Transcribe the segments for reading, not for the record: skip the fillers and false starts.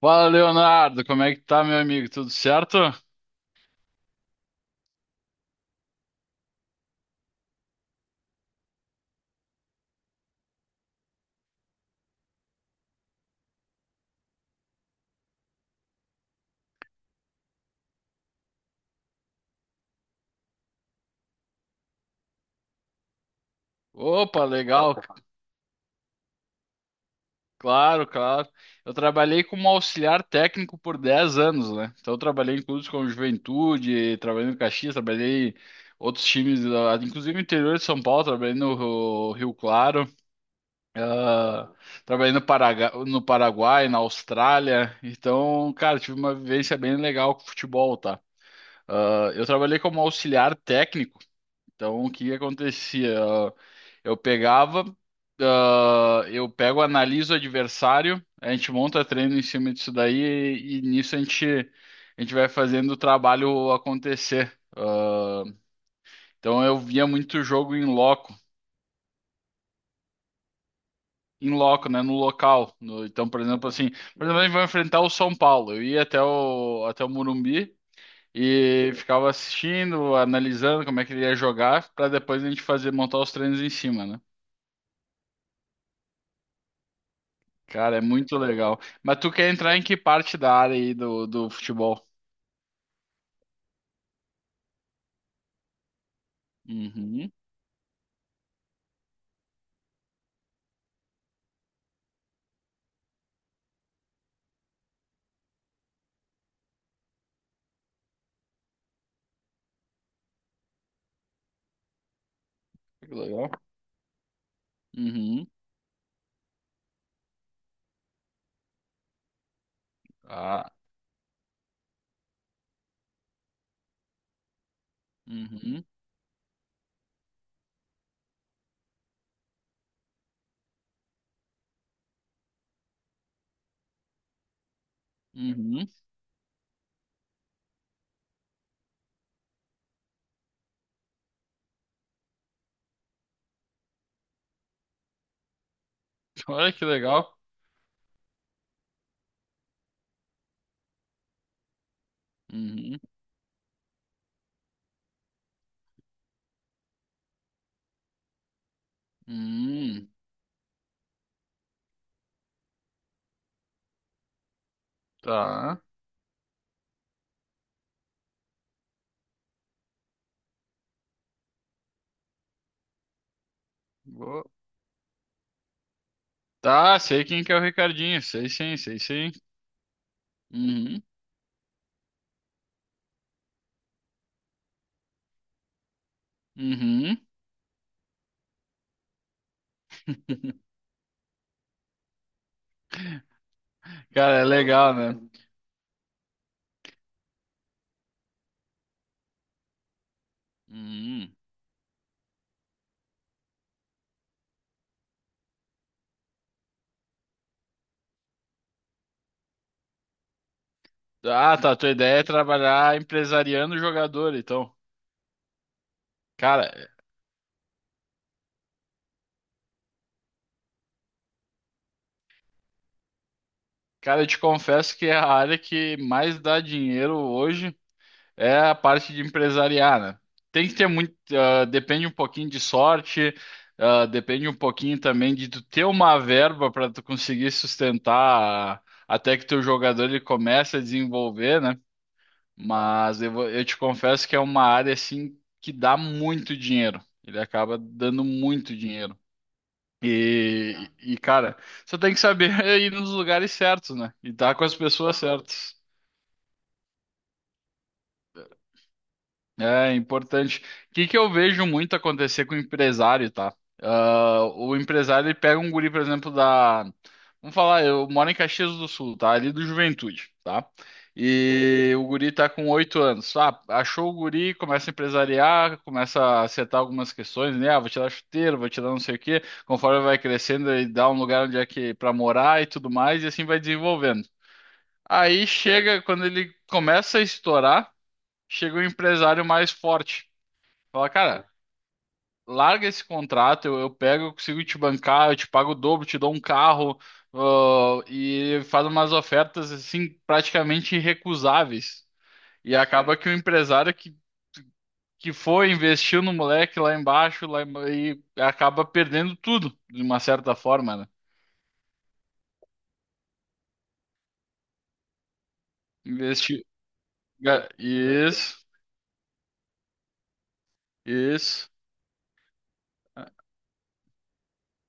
Fala, Leonardo, como é que tá, meu amigo? Tudo certo? Opa, legal, claro, claro. Eu trabalhei como auxiliar técnico por 10 anos, né? Então, eu trabalhei em clubes como Juventude, trabalhei no Caxias, trabalhei em outros times, inclusive no interior de São Paulo, trabalhei no Rio Claro, ah, trabalhei no no Paraguai, na Austrália. Então, cara, tive uma vivência bem legal com futebol, tá? Ah, eu trabalhei como auxiliar técnico, então o que que acontecia? Eu pegava, eu pego, analiso o adversário, a gente monta treino em cima disso daí e nisso a gente vai fazendo o trabalho acontecer. Ah, então eu via muito jogo em loco, né, no local. Então, por exemplo, assim, por exemplo, a gente vai enfrentar o São Paulo. Eu ia até o Morumbi e ficava assistindo, analisando como é que ele ia jogar, para depois a gente fazer montar os treinos em cima, né? Cara, é muito legal. Mas tu quer entrar em que parte da área aí do futebol? Uhum. Que legal. Uhum. Tá. Uhum. Uhum. Olha que legal. Uhum. Uhum. Tá. Boa. Tá, sei quem que é o Ricardinho. Sei sim, sei sim. Uhum. Uhum. Cara, é legal, né? Uhum. Ah, tá. Tua ideia é trabalhar empresariando o jogador, então. Cara, cara, eu te confesso que é a área que mais dá dinheiro hoje. É a parte de empresariar, né? Tem que ter muito, depende um pouquinho de sorte, depende um pouquinho também de tu ter uma verba para tu conseguir sustentar até que teu jogador ele comece a desenvolver, né? Mas eu te confesso que é uma área assim que dá muito dinheiro. Ele acaba dando muito dinheiro. E cara, só tem que saber ir nos lugares certos, né? E estar com as pessoas certas. É importante. O que que eu vejo muito acontecer com o empresário, tá? Ah, o empresário ele pega um guri, por exemplo, da. Vamos falar, eu moro em Caxias do Sul, tá? Ali do Juventude, tá? E o guri tá com 8 anos. Ah, achou o guri, começa a empresariar, começa a acertar algumas questões, né? Ah, vou te dar chuteiro, vou te dar não sei o quê. Conforme vai crescendo, ele dá um lugar onde é que para morar e tudo mais, e assim vai desenvolvendo. Aí chega, quando ele começa a estourar, chega o empresário mais forte. Fala, cara, larga esse contrato, eu pego, eu consigo te bancar, eu te pago o dobro, te dou um carro, e faz umas ofertas assim praticamente irrecusáveis. E acaba que o empresário que foi, investiu no moleque lá embaixo, e acaba perdendo tudo, de uma certa forma, né? Investiu. Isso, isso.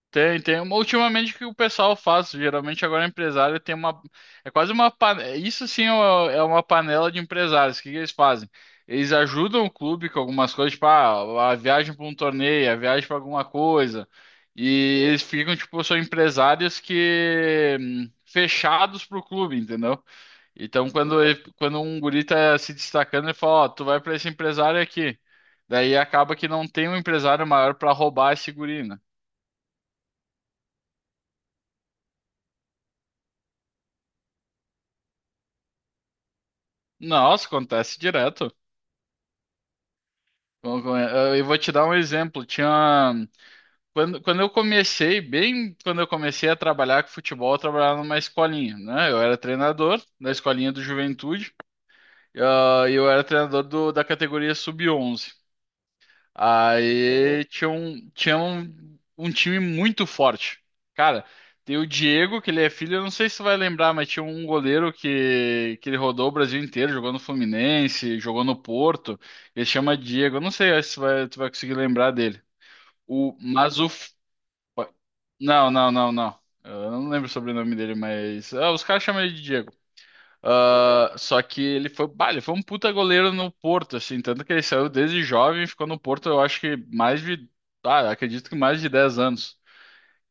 Tem, tem. Ultimamente o que o pessoal faz, geralmente agora é empresário tem uma. É quase uma. Isso sim é uma panela de empresários. O que que eles fazem? Eles ajudam o clube com algumas coisas, tipo, a viagem para um torneio, a viagem para alguma coisa. E eles ficam, tipo, são empresários que, fechados pro clube, entendeu? Então quando, quando um guri tá se destacando, ele fala: Ó, tu vai para esse empresário aqui. Daí acaba que não tem um empresário maior para roubar esse guri, né? Nossa, acontece direto. Bom, eu vou te dar um exemplo. Quando eu comecei, bem quando eu comecei a trabalhar com futebol, eu trabalhava numa escolinha, né? Eu era treinador da escolinha do Juventude, e eu era treinador da categoria sub-11. Aí tinha um time muito forte. Cara, tem o Diego, que ele é filho, eu não sei se tu vai lembrar, mas tinha um goleiro que ele rodou o Brasil inteiro, jogou no Fluminense, jogou no Porto. Ele chama Diego, eu não sei se tu vai conseguir lembrar dele. O, mas o. F- Não, não, não, não. Eu não lembro o sobrenome dele, mas os caras chamam ele de Diego. Ah, só que ele foi um puta goleiro no Porto, assim, tanto que ele saiu desde jovem, e ficou no Porto, eu acho que acredito que mais de 10 anos.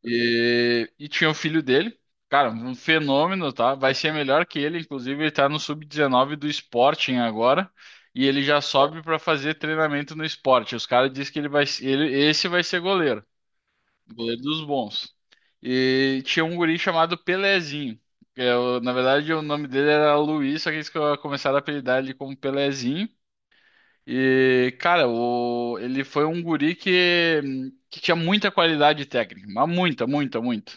E tinha o filho dele, cara, um fenômeno, tá? Vai ser melhor que ele, inclusive ele tá no sub-19 do Sporting agora, e ele já sobe pra fazer treinamento no Sporting. Os caras dizem que esse vai ser goleiro. Goleiro dos bons. E tinha um guri chamado Pelezinho, na verdade, o nome dele era Luiz, só que eles começaram a apelidar ele como Pelezinho. E, cara, ele foi um guri que tinha muita qualidade técnica, mas muita, muita, muita.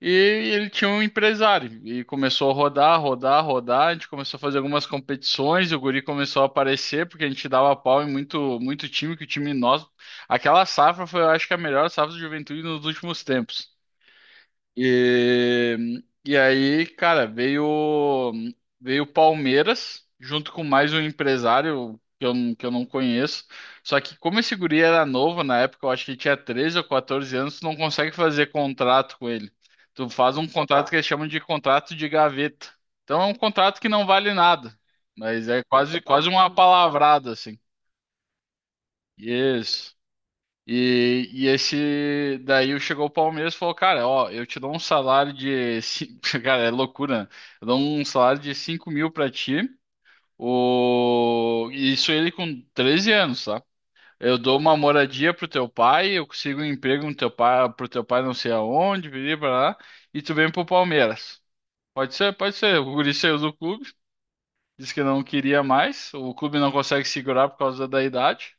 E ele tinha um empresário e começou a rodar, rodar, rodar. A gente começou a fazer algumas competições e o guri começou a aparecer porque a gente dava pau em muito, muito time, que o time nosso. Aquela safra foi, eu acho que a melhor safra de juventude nos últimos tempos. E aí, cara, veio o Palmeiras junto com mais um empresário que eu não conheço. Só que como esse guri era novo na época, eu acho que ele tinha 13 ou 14 anos, tu não consegue fazer contrato com ele. Tu faz um contrato que eles chamam de contrato de gaveta. Então é um contrato que não vale nada, mas é quase quase uma palavrada assim. Isso. E esse daí chegou o Palmeiras e falou, cara, ó, eu te dou um salário cara, é loucura, né? Eu dou um salário de 5.000 pra ti, o... isso ele com 13 anos, tá? Eu dou uma moradia pro teu pai, eu consigo um emprego no teu pai, pro teu pai não sei aonde, vir pra lá, e tu vem pro Palmeiras. Pode ser, pode ser. O guri saiu do clube, disse que não queria mais, o clube não consegue segurar por causa da idade.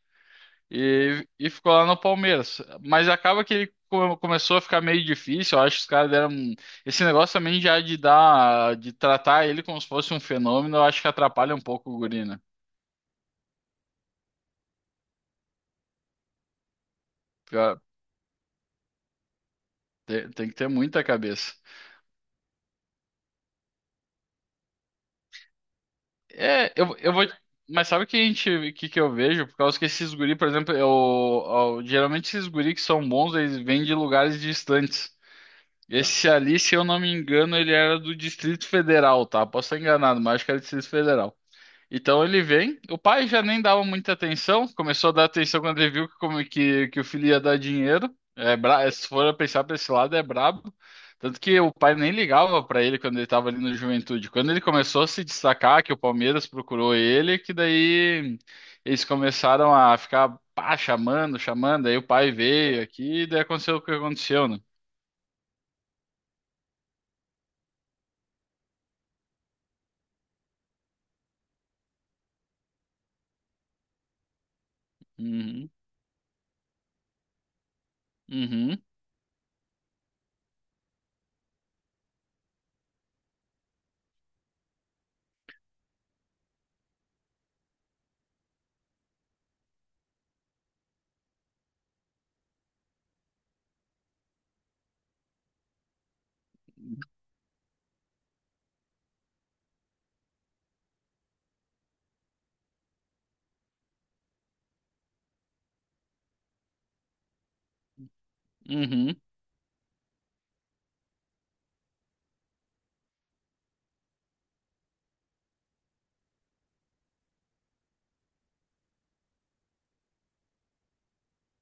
E ficou lá no Palmeiras. Mas acaba que ele começou a ficar meio difícil. Eu acho que os caras deram. Esse negócio também já de dar, de tratar ele como se fosse um fenômeno, eu acho que atrapalha um pouco o guri, né? Porque, ó, tem que ter muita cabeça. É, eu vou. Mas sabe o que que eu vejo? Por causa que esses guri, por exemplo, geralmente esses guri que são bons, eles vêm de lugares distantes. Tá. Esse ali, se eu não me engano, ele era do Distrito Federal, tá? Posso estar enganado, mas acho que era do Distrito Federal. Então ele vem, o pai já nem dava muita atenção, começou a dar atenção quando ele viu que, que o filho ia dar dinheiro. É, é, se for pensar para esse lado, é brabo. Tanto que o pai nem ligava para ele quando ele estava ali no Juventude. Quando ele começou a se destacar, que o Palmeiras procurou ele, que daí eles começaram a ficar pá, chamando, chamando. Aí o pai veio aqui e daí aconteceu o que aconteceu, né? Uhum, uhum, uhum.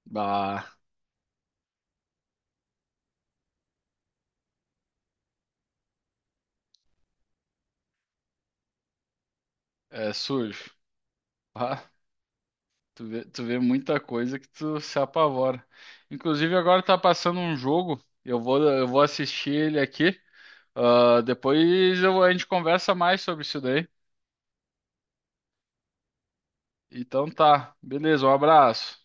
Bah, é sujo. Tu vê muita coisa que tu se apavora. Inclusive, agora tá passando um jogo. Eu vou assistir ele aqui. Ah, depois a gente conversa mais sobre isso daí. Então tá, beleza, um abraço.